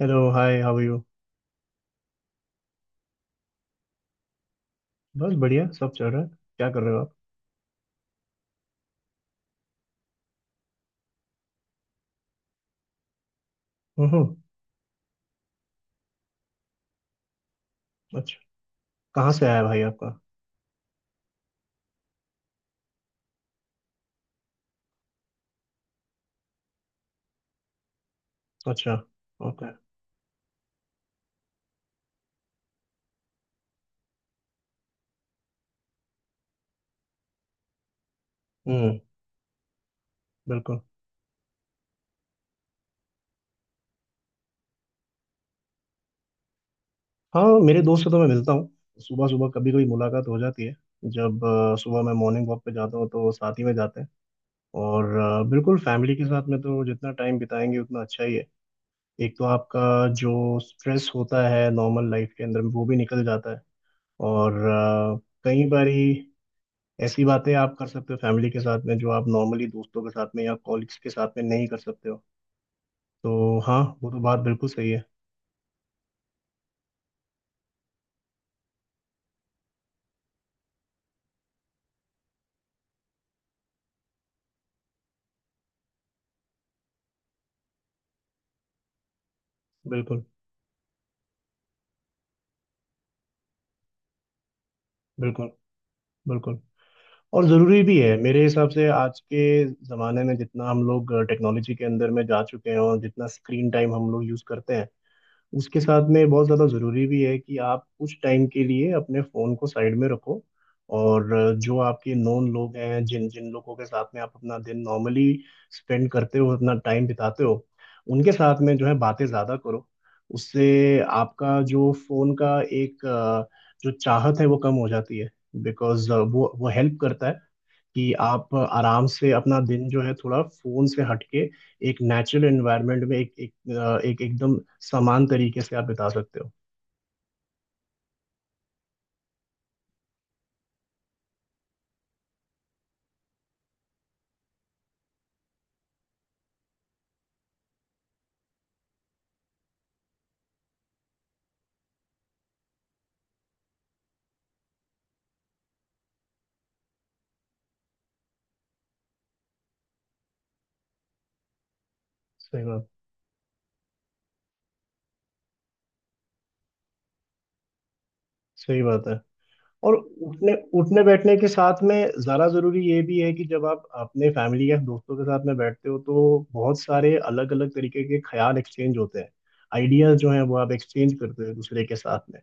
Hello, hi how are you. बस बढ़िया सब चल रहा है। क्या कर रहे हो आप? हम्म। अच्छा, कहाँ से आया भाई आपका? अच्छा। ओके। हम्म। बिल्कुल। हाँ, मेरे दोस्त से तो मैं मिलता हूँ। सुबह सुबह कभी कभी मुलाकात हो जाती है जब सुबह मैं मॉर्निंग वॉक पे जाता हूँ तो साथ ही में जाते हैं। और बिल्कुल फैमिली के साथ में तो जितना टाइम बिताएंगे उतना अच्छा ही है। एक तो आपका जो स्ट्रेस होता है नॉर्मल लाइफ के अंदर वो भी निकल जाता है। और कई बारी ऐसी बातें आप कर सकते हो फैमिली के साथ में जो आप नॉर्मली दोस्तों के साथ में या कॉलिग्स के साथ में नहीं कर सकते हो। तो हाँ, वो तो बात बिल्कुल सही है। बिल्कुल, बिल्कुल, बिल्कुल। और ज़रूरी भी है मेरे हिसाब से आज के ज़माने में। जितना हम लोग टेक्नोलॉजी के अंदर में जा चुके हैं और जितना स्क्रीन टाइम हम लोग यूज़ करते हैं, उसके साथ में बहुत ज़्यादा ज़रूरी भी है कि आप कुछ टाइम के लिए अपने फ़ोन को साइड में रखो। और जो आपके नोन लोग हैं, जिन जिन लोगों के साथ में आप अपना दिन नॉर्मली स्पेंड करते हो, अपना टाइम बिताते हो, उनके साथ में जो है बातें ज़्यादा करो। उससे आपका जो फ़ोन का एक जो चाहत है वो कम हो जाती है। बिकॉज वो हेल्प करता है कि आप आराम से अपना दिन जो है थोड़ा फोन से हटके एक नेचुरल एनवायरनमेंट में एक एक, अ, एक एकदम समान तरीके से आप बिता सकते हो। सही बात। सही बात है। और उठने उठने बैठने के साथ में ज़रा ज़रूरी ये भी है कि जब आप अपने फैमिली या दोस्तों के साथ में बैठते हो तो बहुत सारे अलग अलग तरीके के ख्याल एक्सचेंज होते हैं। आइडियाज़ जो हैं वो आप एक्सचेंज करते हो एक दूसरे के साथ में।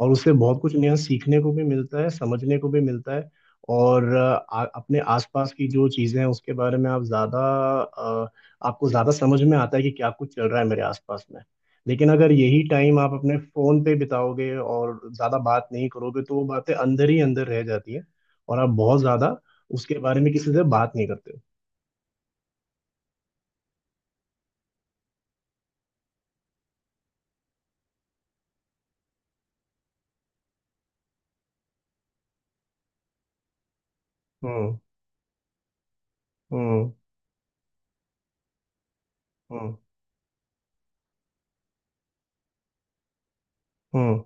और उससे बहुत कुछ नया सीखने को भी मिलता है, समझने को भी मिलता है। और अपने आसपास की जो चीज़ें हैं उसके बारे में अ, आपको ज़्यादा समझ में आता है कि क्या कुछ चल रहा है मेरे आसपास में। लेकिन अगर यही टाइम आप अपने फोन पे बिताओगे और ज्यादा बात नहीं करोगे तो वो बातें अंदर ही अंदर रह जाती हैं और आप बहुत ज्यादा उसके बारे में किसी से बात नहीं करते हो। हम्म हम्म हम्म। हम्म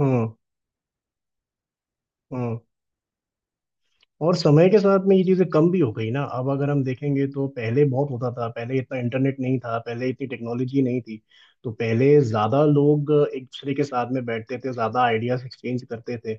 हम्म हम्म। और समय के साथ में ये चीजें कम भी हो गई ना। अब अगर हम देखेंगे तो पहले बहुत होता था। पहले इतना इंटरनेट नहीं था, पहले इतनी टेक्नोलॉजी नहीं थी, तो पहले ज्यादा लोग एक दूसरे के साथ में बैठते थे, ज्यादा आइडियाज एक्सचेंज करते थे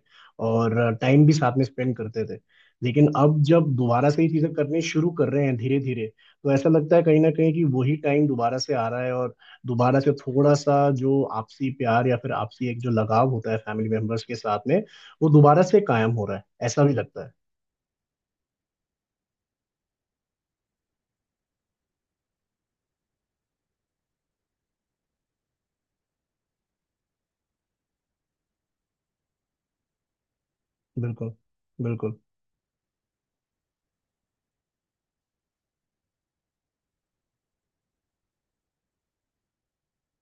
और टाइम भी साथ में स्पेंड करते थे। लेकिन अब जब दोबारा से ये चीजें करनी शुरू कर रहे हैं धीरे धीरे, तो ऐसा लगता है कहीं ना कहीं कि वही टाइम दोबारा से आ रहा है। और दोबारा से थोड़ा सा जो आपसी प्यार या फिर आपसी एक जो लगाव होता है फैमिली मेंबर्स के साथ में, वो दोबारा से कायम हो रहा है ऐसा भी लगता है। बिल्कुल, बिल्कुल।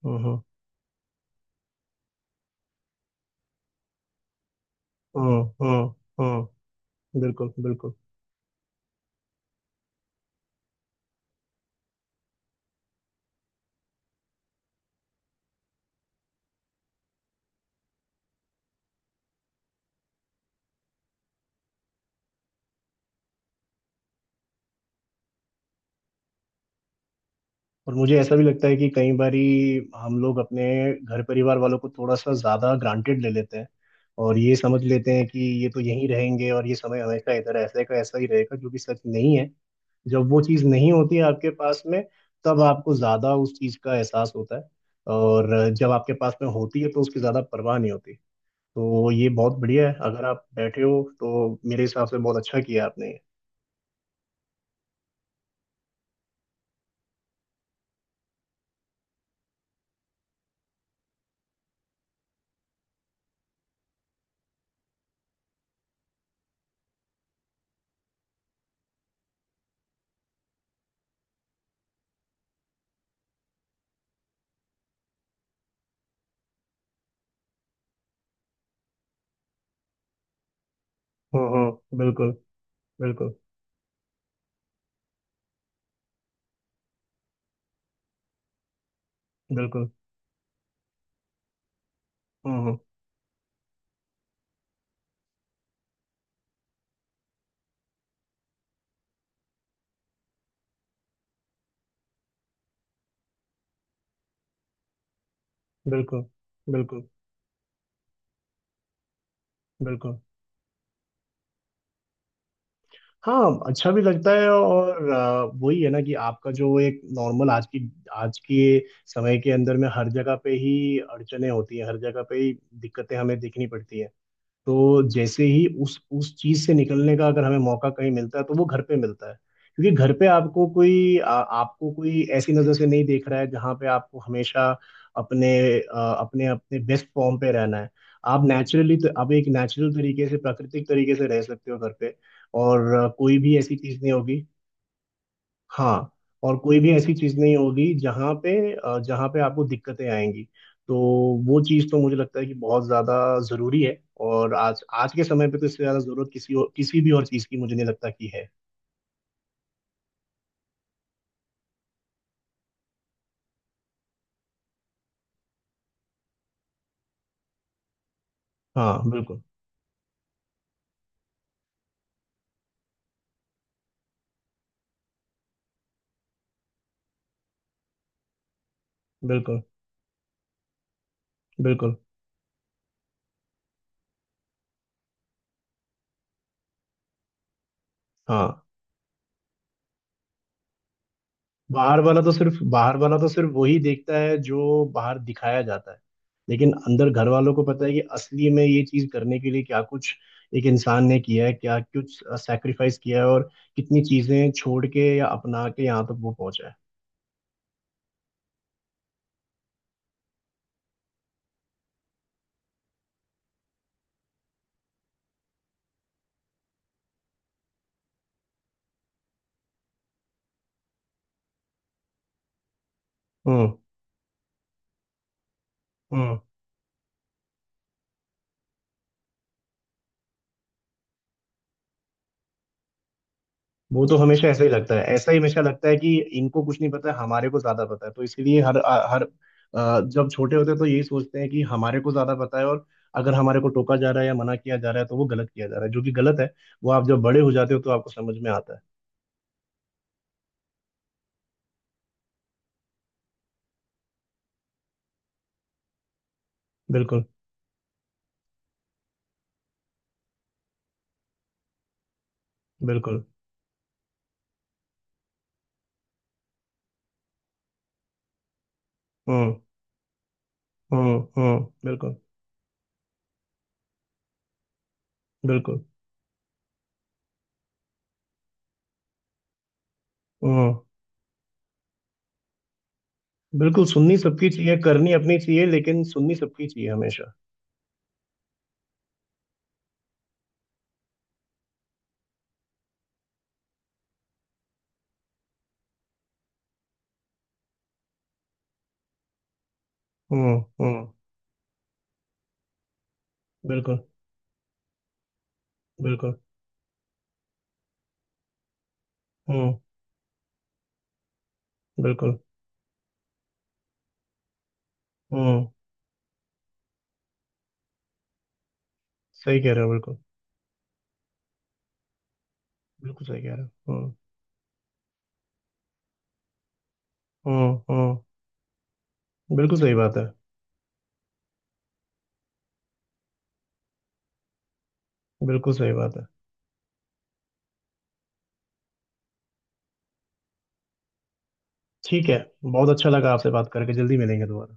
हम्म हम्म हम्म हम्म। बिल्कुल, बिल्कुल। और मुझे ऐसा भी लगता है कि कई बारी हम लोग अपने घर परिवार वालों को थोड़ा सा ज्यादा ग्रांटेड ले लेते हैं, और ये समझ लेते हैं कि ये तो यहीं रहेंगे और ये समय हमेशा इधर ऐसे का ऐसा ही रहेगा, जो कि सच नहीं है। जब वो चीज़ नहीं होती है आपके पास में, तब आपको ज़्यादा उस चीज़ का एहसास होता है। और जब आपके पास में होती है तो उसकी ज़्यादा परवाह नहीं होती। तो ये बहुत बढ़िया है अगर आप बैठे हो। तो मेरे हिसाब से बहुत अच्छा किया आपने। बिल्कुल। बिल्कुल, बिल्कुल। हम्म हम्म, बिल्कुल। बिल्कुल, बिल्कुल। हाँ, अच्छा भी लगता है। और वही है ना कि आपका जो एक नॉर्मल आज की आज के समय के अंदर में हर जगह पे ही अड़चने होती हैं, हर जगह पे ही दिक्कतें हमें देखनी पड़ती हैं। तो जैसे ही उस चीज से निकलने का अगर हमें मौका कहीं मिलता है तो वो घर पे मिलता है। क्योंकि घर पे आपको कोई ऐसी नजर से नहीं देख रहा है जहाँ पे आपको हमेशा अपने आ, अपने अपने बेस्ट फॉर्म पे रहना है। आप नेचुरली तो आप एक नेचुरल तरीके से, प्राकृतिक तरीके से रह सकते हो घर पे। और कोई भी ऐसी चीज नहीं होगी। हाँ, और कोई भी ऐसी चीज नहीं होगी जहाँ पे जहाँ पे आपको दिक्कतें आएंगी। तो वो चीज तो मुझे लगता है कि बहुत ज्यादा जरूरी है। और आज आज के समय पे तो इससे ज्यादा जरूरत किसी और किसी भी और चीज की मुझे नहीं लगता कि है। हाँ बिल्कुल। बिल्कुल, बिल्कुल। हाँ, बाहर वाला तो सिर्फ वही देखता है जो बाहर दिखाया जाता है। लेकिन अंदर घर वालों को पता है कि असली में ये चीज करने के लिए क्या कुछ एक इंसान ने किया है, क्या कुछ सैक्रिफाइस किया है और कितनी चीजें छोड़ के या अपना के यहाँ तक वो पहुंचा है। हम्म हम्म। वो तो हमेशा ऐसा ही लगता है, ऐसा ही हमेशा लगता है कि इनको कुछ नहीं पता, हमारे को ज्यादा पता है। तो इसलिए हर हर अ, जब छोटे होते हैं तो यही सोचते हैं कि हमारे को ज्यादा पता है। और अगर हमारे को टोका जा रहा है या मना किया जा रहा है तो वो गलत किया जा रहा है, जो कि गलत है। वो आप जब बड़े हो जाते हो तो आपको समझ में आता है। बिल्कुल, बिल्कुल। हम्म हम्म। बिल्कुल, बिल्कुल। हम्म। बिल्कुल, सुननी सबकी चाहिए, करनी अपनी चाहिए, लेकिन सुननी सबकी चाहिए हमेशा। हम्म हम्म। बिल्कुल, बिल्कुल। हम्म। बिल्कुल। हम्म, सही कह रहे हो, बिल्कुल। बिल्कुल सही कह रहे हो। हम्म। बिल्कुल सही बात है। बिल्कुल सही बात है। ठीक है। बहुत अच्छा लगा आपसे बात करके। जल्दी मिलेंगे दोबारा।